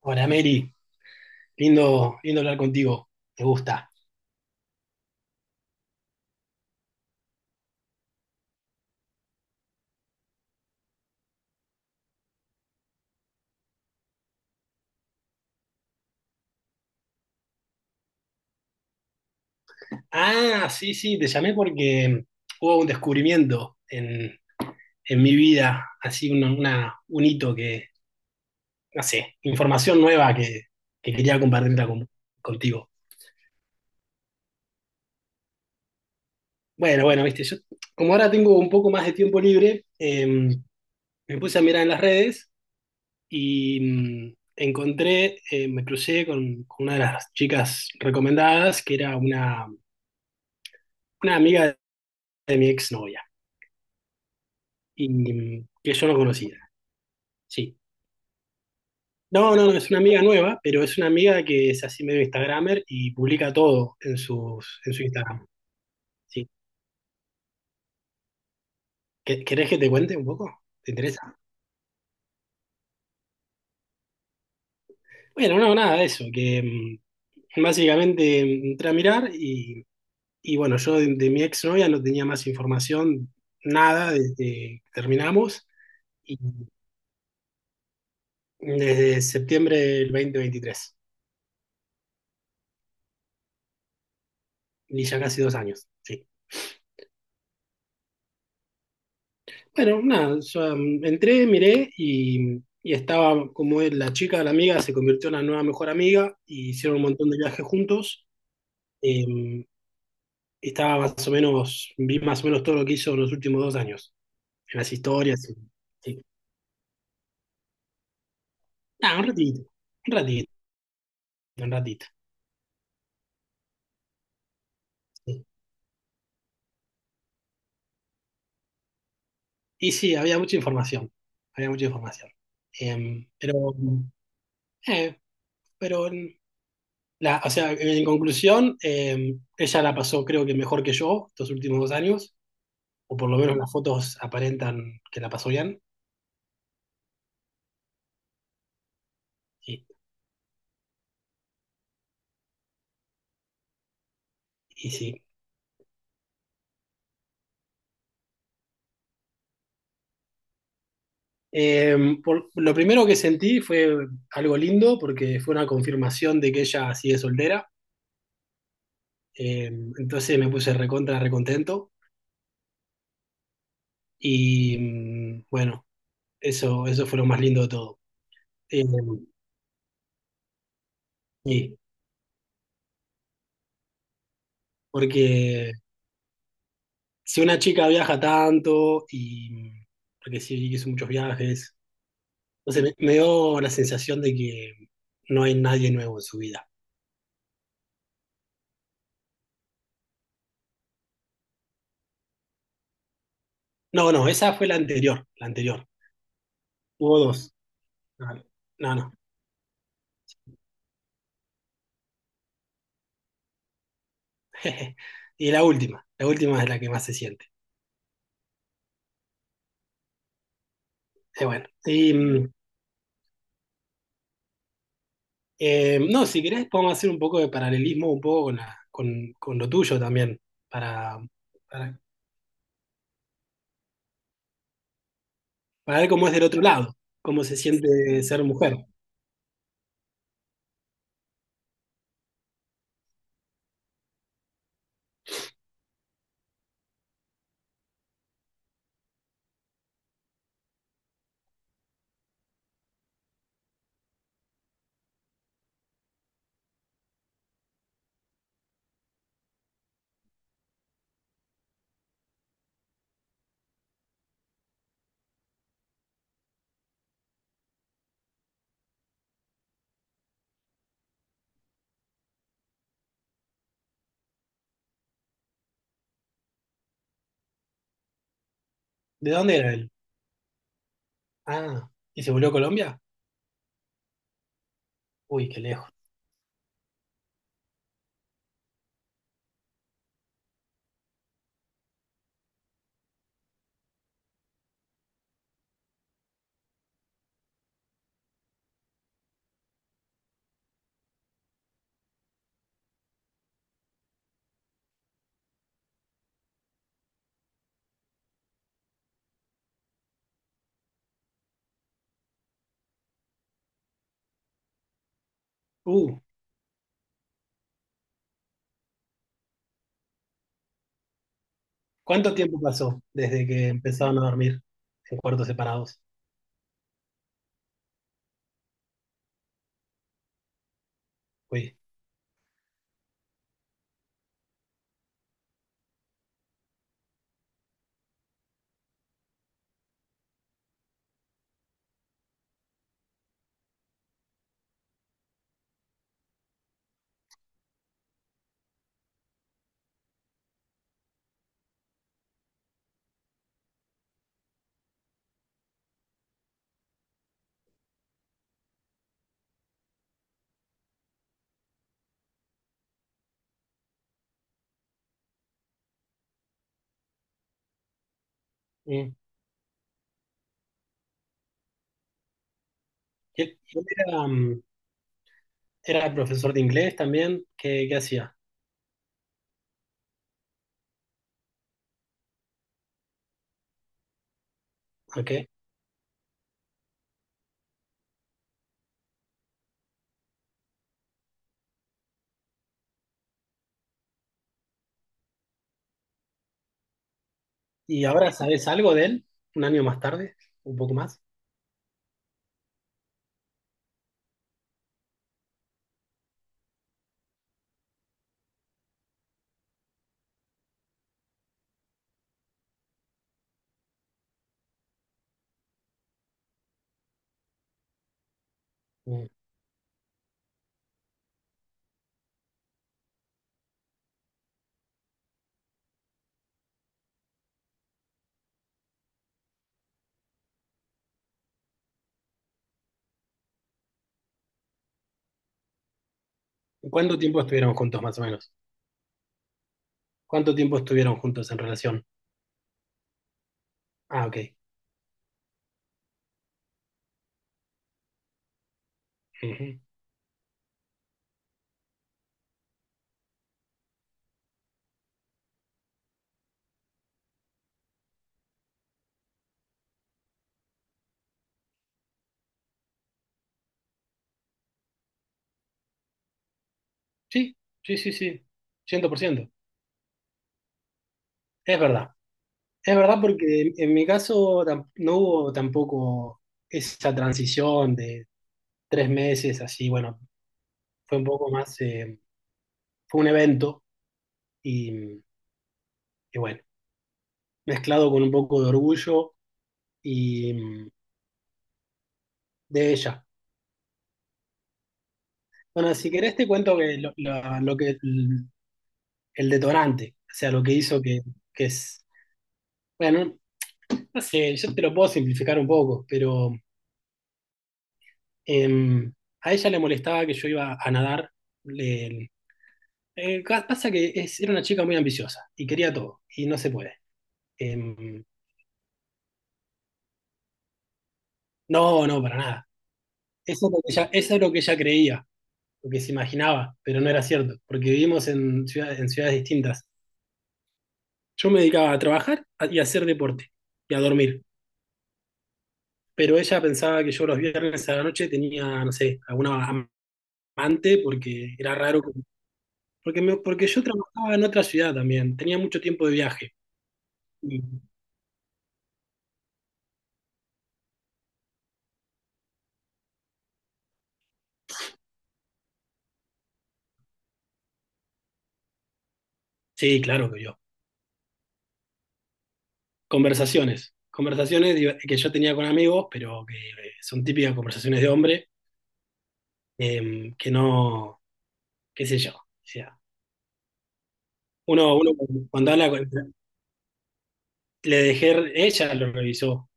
Hola Mary, lindo, lindo hablar contigo, me gusta. Ah, sí, sí, te llamé porque hubo un descubrimiento en mi vida, así un hito que, no sé, información nueva que quería compartirla contigo. Bueno, bueno, viste, yo como ahora tengo un poco más de tiempo libre, me puse a mirar en las redes y encontré, me crucé con una de las chicas recomendadas, que era una amiga de mi exnovia. Y que yo no conocía. Sí. No, no, no, es una amiga nueva, pero es una amiga que es así medio Instagramer y publica todo en su Instagram. Sí. ¿Querés que te cuente un poco? ¿Te interesa? Bueno, no, nada de eso, que básicamente entré a mirar y bueno, yo de mi exnovia no tenía más información, nada desde que terminamos, y desde septiembre del 2023 y ya casi 2 años. Sí. Bueno, nada, yo, entré, miré y estaba como la chica de la amiga se convirtió en la nueva mejor amiga y hicieron un montón de viajes juntos. Eh, estaba más o menos, Vi más o menos todo lo que hizo en los últimos 2 años, en las historias. Sí. Ah, un ratito, un ratito, un ratito. Sí. Y sí, había mucha información, había mucha información. Eh, pero, eh, pero, o sea, en conclusión, ella la pasó creo que mejor que yo estos últimos 2 años. O por lo menos las fotos aparentan que la pasó bien, y, y sí. Eh, lo primero que sentí fue algo lindo, porque fue una confirmación de que ella sigue soltera. Eh, entonces me puse recontento, y bueno, eso fue lo más lindo de todo. Eh, sí, porque si una chica viaja tanto, y porque sí, hizo muchos viajes, entonces me dio la sensación de que no hay nadie nuevo en su vida. No, no, esa fue la anterior, la anterior. Hubo dos. No, no. No. Y la última es la que más se siente. Bueno, y, no, si querés podemos hacer un poco de paralelismo un poco con lo tuyo también, para, para, para ver cómo es del otro lado, cómo se siente ser mujer. ¿De dónde era él? Ah, ¿y se volvió a Colombia? Uy, qué lejos. Uh, ¿cuánto tiempo pasó desde que empezaron a dormir en cuartos separados? Uy. Mm. ¿Y él era profesor de inglés también. ¿Qué hacía? Ok. ¿Y ahora sabes algo de él? ¿Un año más tarde? ¿Un poco más? Mm. ¿Cuánto tiempo estuvieron juntos, más o menos? ¿Cuánto tiempo estuvieron juntos en relación? Ah, ok. Ujú. Sí, sí, sí, sí. 100%. Es verdad. Es verdad porque en mi caso no hubo tampoco esa transición de 3 meses así. Bueno, fue un poco más, fue un evento y, y bueno. Mezclado con un poco de orgullo y de ella. Bueno, si querés te cuento que lo que el, detonante, o sea, lo que hizo que es, bueno, no sé, yo te lo puedo simplificar un poco, pero em, a ella le molestaba que yo iba a nadar. Le, Pasa que era una chica muy ambiciosa y quería todo, y no se puede. Em, no, no, para nada. Eso es lo que ella creía. Lo que se imaginaba, pero no era cierto, porque vivimos en ciudades distintas. Yo me dedicaba a trabajar y a hacer deporte y a dormir, pero ella pensaba que yo los viernes a la noche tenía, no sé, alguna amante, porque era raro, porque yo trabajaba en otra ciudad también, tenía mucho tiempo de viaje. Y- sí, claro que yo. Conversaciones que yo tenía con amigos, pero que son típicas conversaciones de hombre, que no, qué sé yo. O sea, uno cuando habla le dejé, ella lo revisó.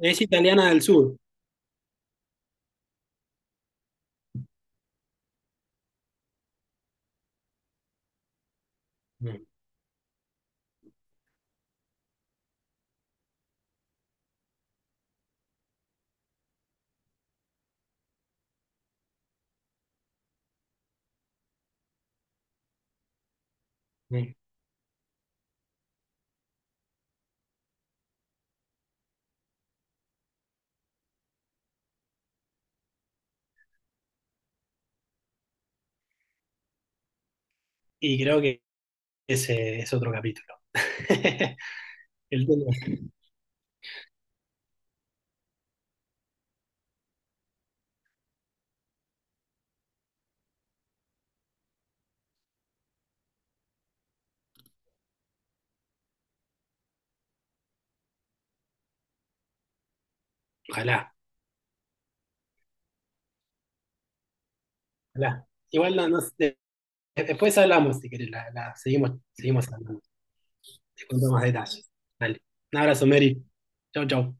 Es italiana del sur. Mm, mm. Y creo que ese es otro capítulo. El tema- Ojalá, ojalá. Igual no, no sé, después hablamos, si querés, seguimos hablando. Te cuento más detalles. Dale. Un abrazo, Mary. Chau, chau.